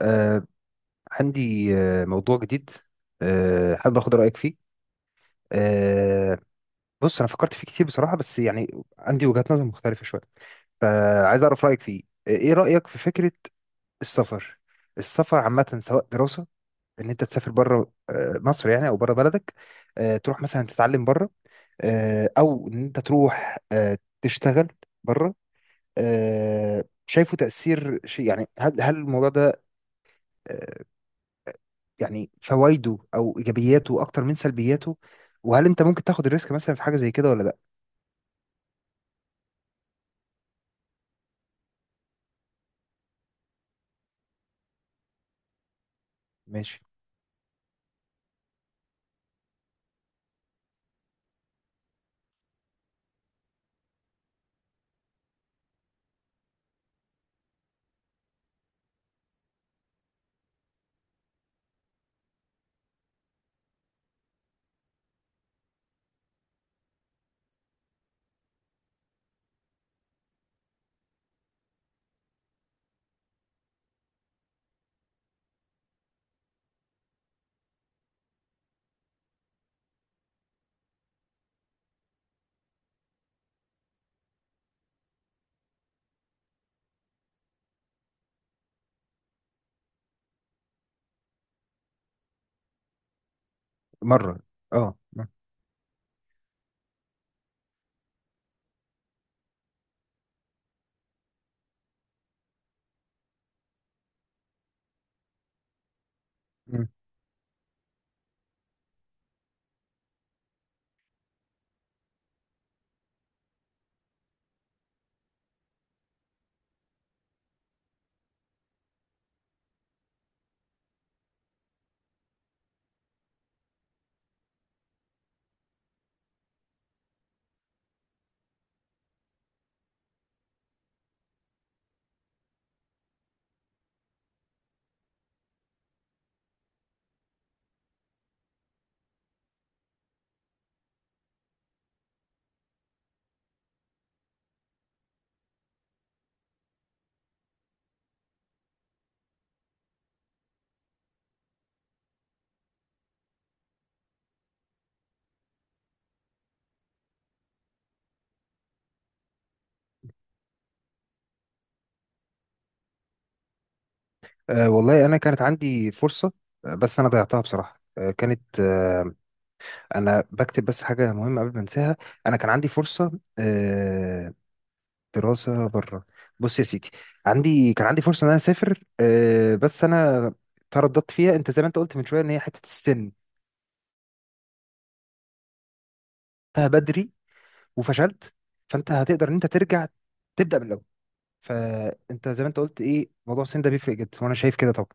آه عندي موضوع جديد. حابب اخد رايك فيه. آه بص، انا فكرت فيه كتير بصراحه، بس يعني عندي وجهات نظر مختلفه شويه، فعايز اعرف رايك فيه. ايه رايك في فكره السفر؟ السفر عامه، سواء دراسه ان انت تسافر بره مصر يعني، او بره بلدك، تروح مثلا تتعلم بره، او ان انت تروح تشتغل بره. شايفه تاثير شيء، يعني هل الموضوع ده آه، يعني فوائده او ايجابياته اكتر من سلبياته؟ وهل انت ممكن تاخد الريسك مثلا في حاجه زي كده ولا لا؟ ماشي. مره. اه. مم. والله انا كانت عندي فرصه، بس انا ضيعتها بصراحه، آه، كانت آه، انا بكتب بس حاجه مهمه قبل ما انساها. انا كان عندي فرصه، آه، دراسه بره. بص يا سيدي، كان عندي فرصه ان انا اسافر، بس انا ترددت فيها. انت زي ما انت قلت من شويه، ان هي حته السن انتهى بدري وفشلت، فانت هتقدر ان انت ترجع تبدا من الاول. فانت زي ما انت قلت ايه، موضوع السن ده بيفرق جدا، وانا شايف كده طبعا.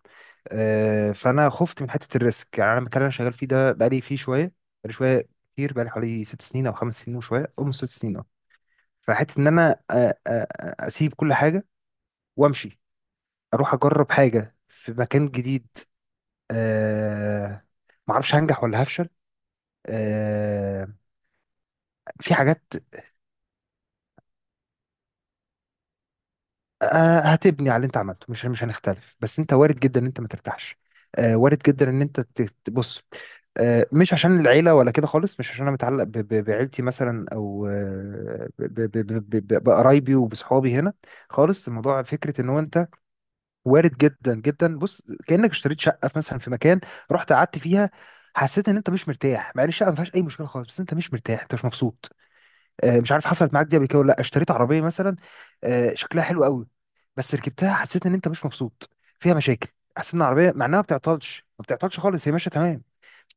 فانا خفت من حته الريسك. يعني انا المكان اللي انا شغال فيه ده بقالي فيه شويه، بقالي شويه كتير، بقالي حوالي ست سنين او خمس سنين وشويه او ست سنين، اه. فحته ان انا اسيب كل حاجه وامشي، اروح اجرب حاجه في مكان جديد. أه. ما اعرفش هنجح ولا هفشل. أه. في حاجات، هتبني على اللي انت عملته. مش هنختلف، بس انت وارد جدا ان انت ما ترتاحش. وارد جدا ان انت بص، مش عشان العيله ولا كده خالص، مش عشان انا متعلق بعيلتي مثلا، او بقرايبي وبصحابي هنا خالص. الموضوع فكره ان هو انت وارد جدا جدا. بص، كانك اشتريت شقه في مثلا في مكان، رحت قعدت فيها، حسيت ان انت مش مرتاح، مع ان الشقه ما فيهاش اي مشكله خالص، بس انت مش مرتاح، انت مش مبسوط. مش عارف حصلت معاك دي قبل كده ولا لا. اشتريت عربيه مثلا، شكلها حلو قوي، بس ركبتها حسيت ان انت مش مبسوط، فيها مشاكل. حسيت ان العربيه مع انها ما بتعطلش خالص، هي ماشيه تمام،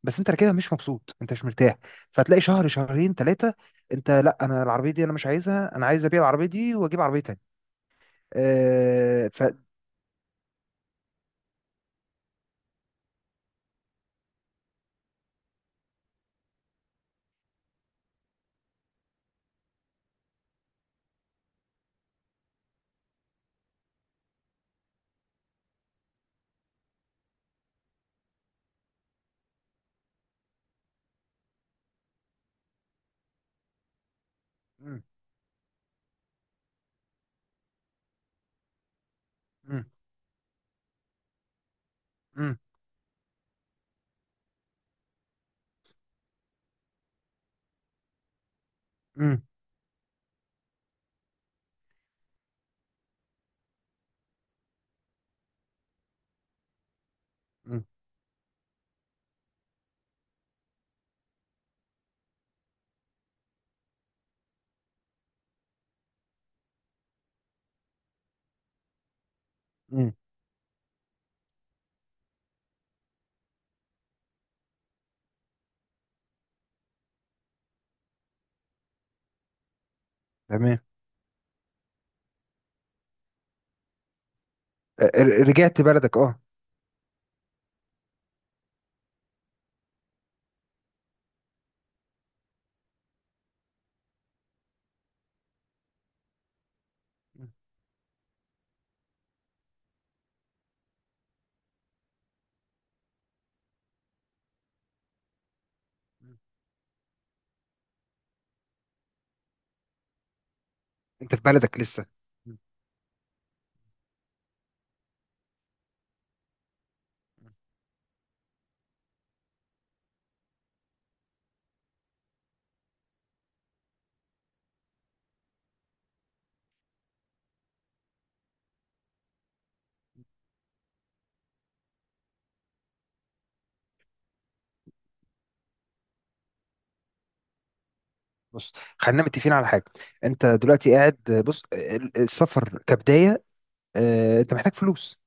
بس انت راكبها مش مبسوط، انت مش مرتاح. فتلاقي شهر، شهرين، ثلاثه، انت: لا، انا العربيه دي انا مش عايزها، انا عايز ابيع العربيه دي واجيب عربيه تانية. آه، ف مم. مم. مم. مم. مم. مم. تمام. رجعت بلدك، اه. مم. مم. انت في بلدك لسه. مم. بص، خلينا متفقين على حاجه. انت دلوقتي قاعد، بص، السفر كبدايه، انت محتاج فلوس.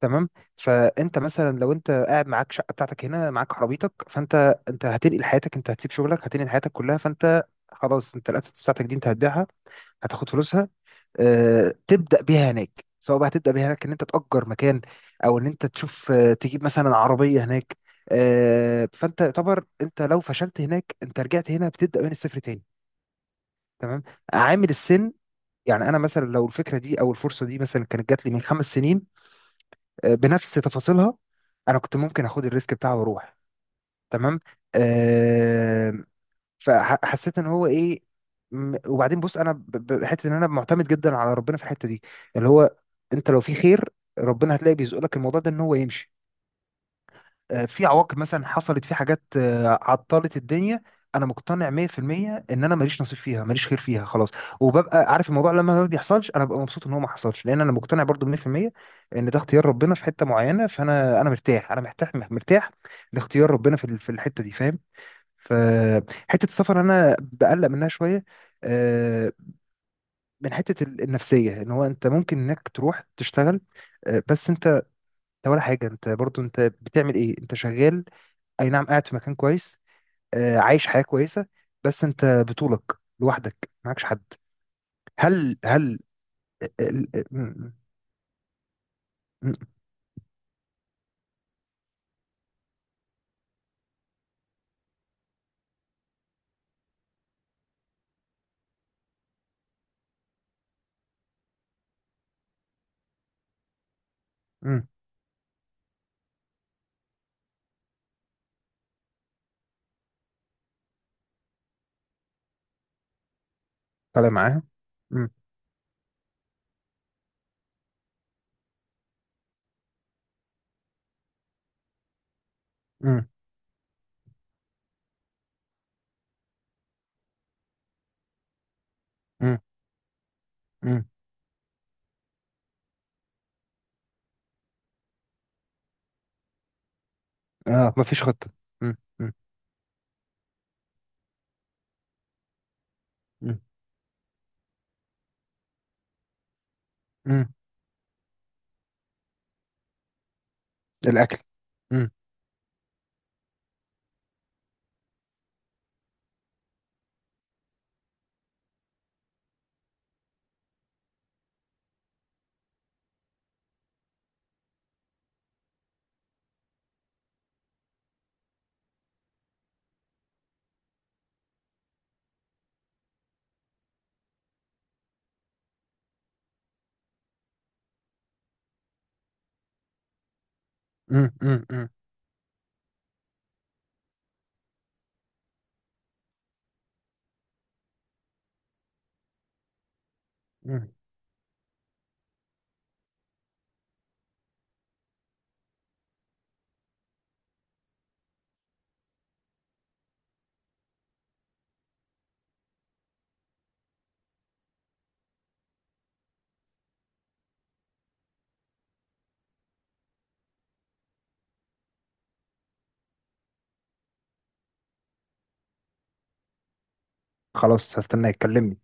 تمام. فانت مثلا، لو انت قاعد معاك شقه بتاعتك هنا، معاك عربيتك، انت هتنقل حياتك، انت هتسيب شغلك، هتنقل حياتك كلها. فانت خلاص، انت الاسيتس بتاعتك دي انت هتبيعها، هتاخد فلوسها، تبدا بيها هناك. سواء بقى هتبدا بيها هناك ان انت تاجر مكان، او ان انت تشوف تجيب مثلا عربيه هناك. فانت يعتبر، انت لو فشلت هناك انت رجعت هنا بتبدا من الصفر تاني. تمام. عامل السن، يعني انا مثلا لو الفكره دي او الفرصه دي مثلا كانت جات لي من خمس سنين، بنفس تفاصيلها، انا كنت ممكن اخد الريسك بتاعه واروح. تمام. آه، فحسيت ان هو ايه. وبعدين بص، انا حته ان انا معتمد جدا على ربنا في الحته دي، اللي هو انت لو في خير، ربنا هتلاقي بيزق لك الموضوع ده ان هو يمشي. في عواقب مثلا حصلت، في حاجات عطلت الدنيا، انا مقتنع 100% ان انا ماليش نصيب فيها، ماليش خير فيها، خلاص. وببقى عارف الموضوع لما ما بيحصلش، انا ببقى مبسوط ان هو ما حصلش، لان انا مقتنع برضو 100% ان ده اختيار ربنا في حتة معينة. فانا مرتاح، انا مرتاح، مرتاح لاختيار ربنا في الحتة دي، فاهم؟ فحتة السفر انا بقلق منها شوية، آه، من حتة النفسية، ان هو انت ممكن انك تروح تشتغل، بس انت ولا حاجة. انت برضو انت بتعمل ايه؟ انت شغال، اي نعم، قاعد في مكان كويس، عايش حياة كويسة، بس انت بطولك، لوحدك، معكش حد. هل آه، آه، ال- آه، م- م- م- طالع معاها. م- م- م- م. اه، مفيش خطة. م- م- م- م. الاكل. م- م- م- م- م. خلاص، هستناك، كلمني.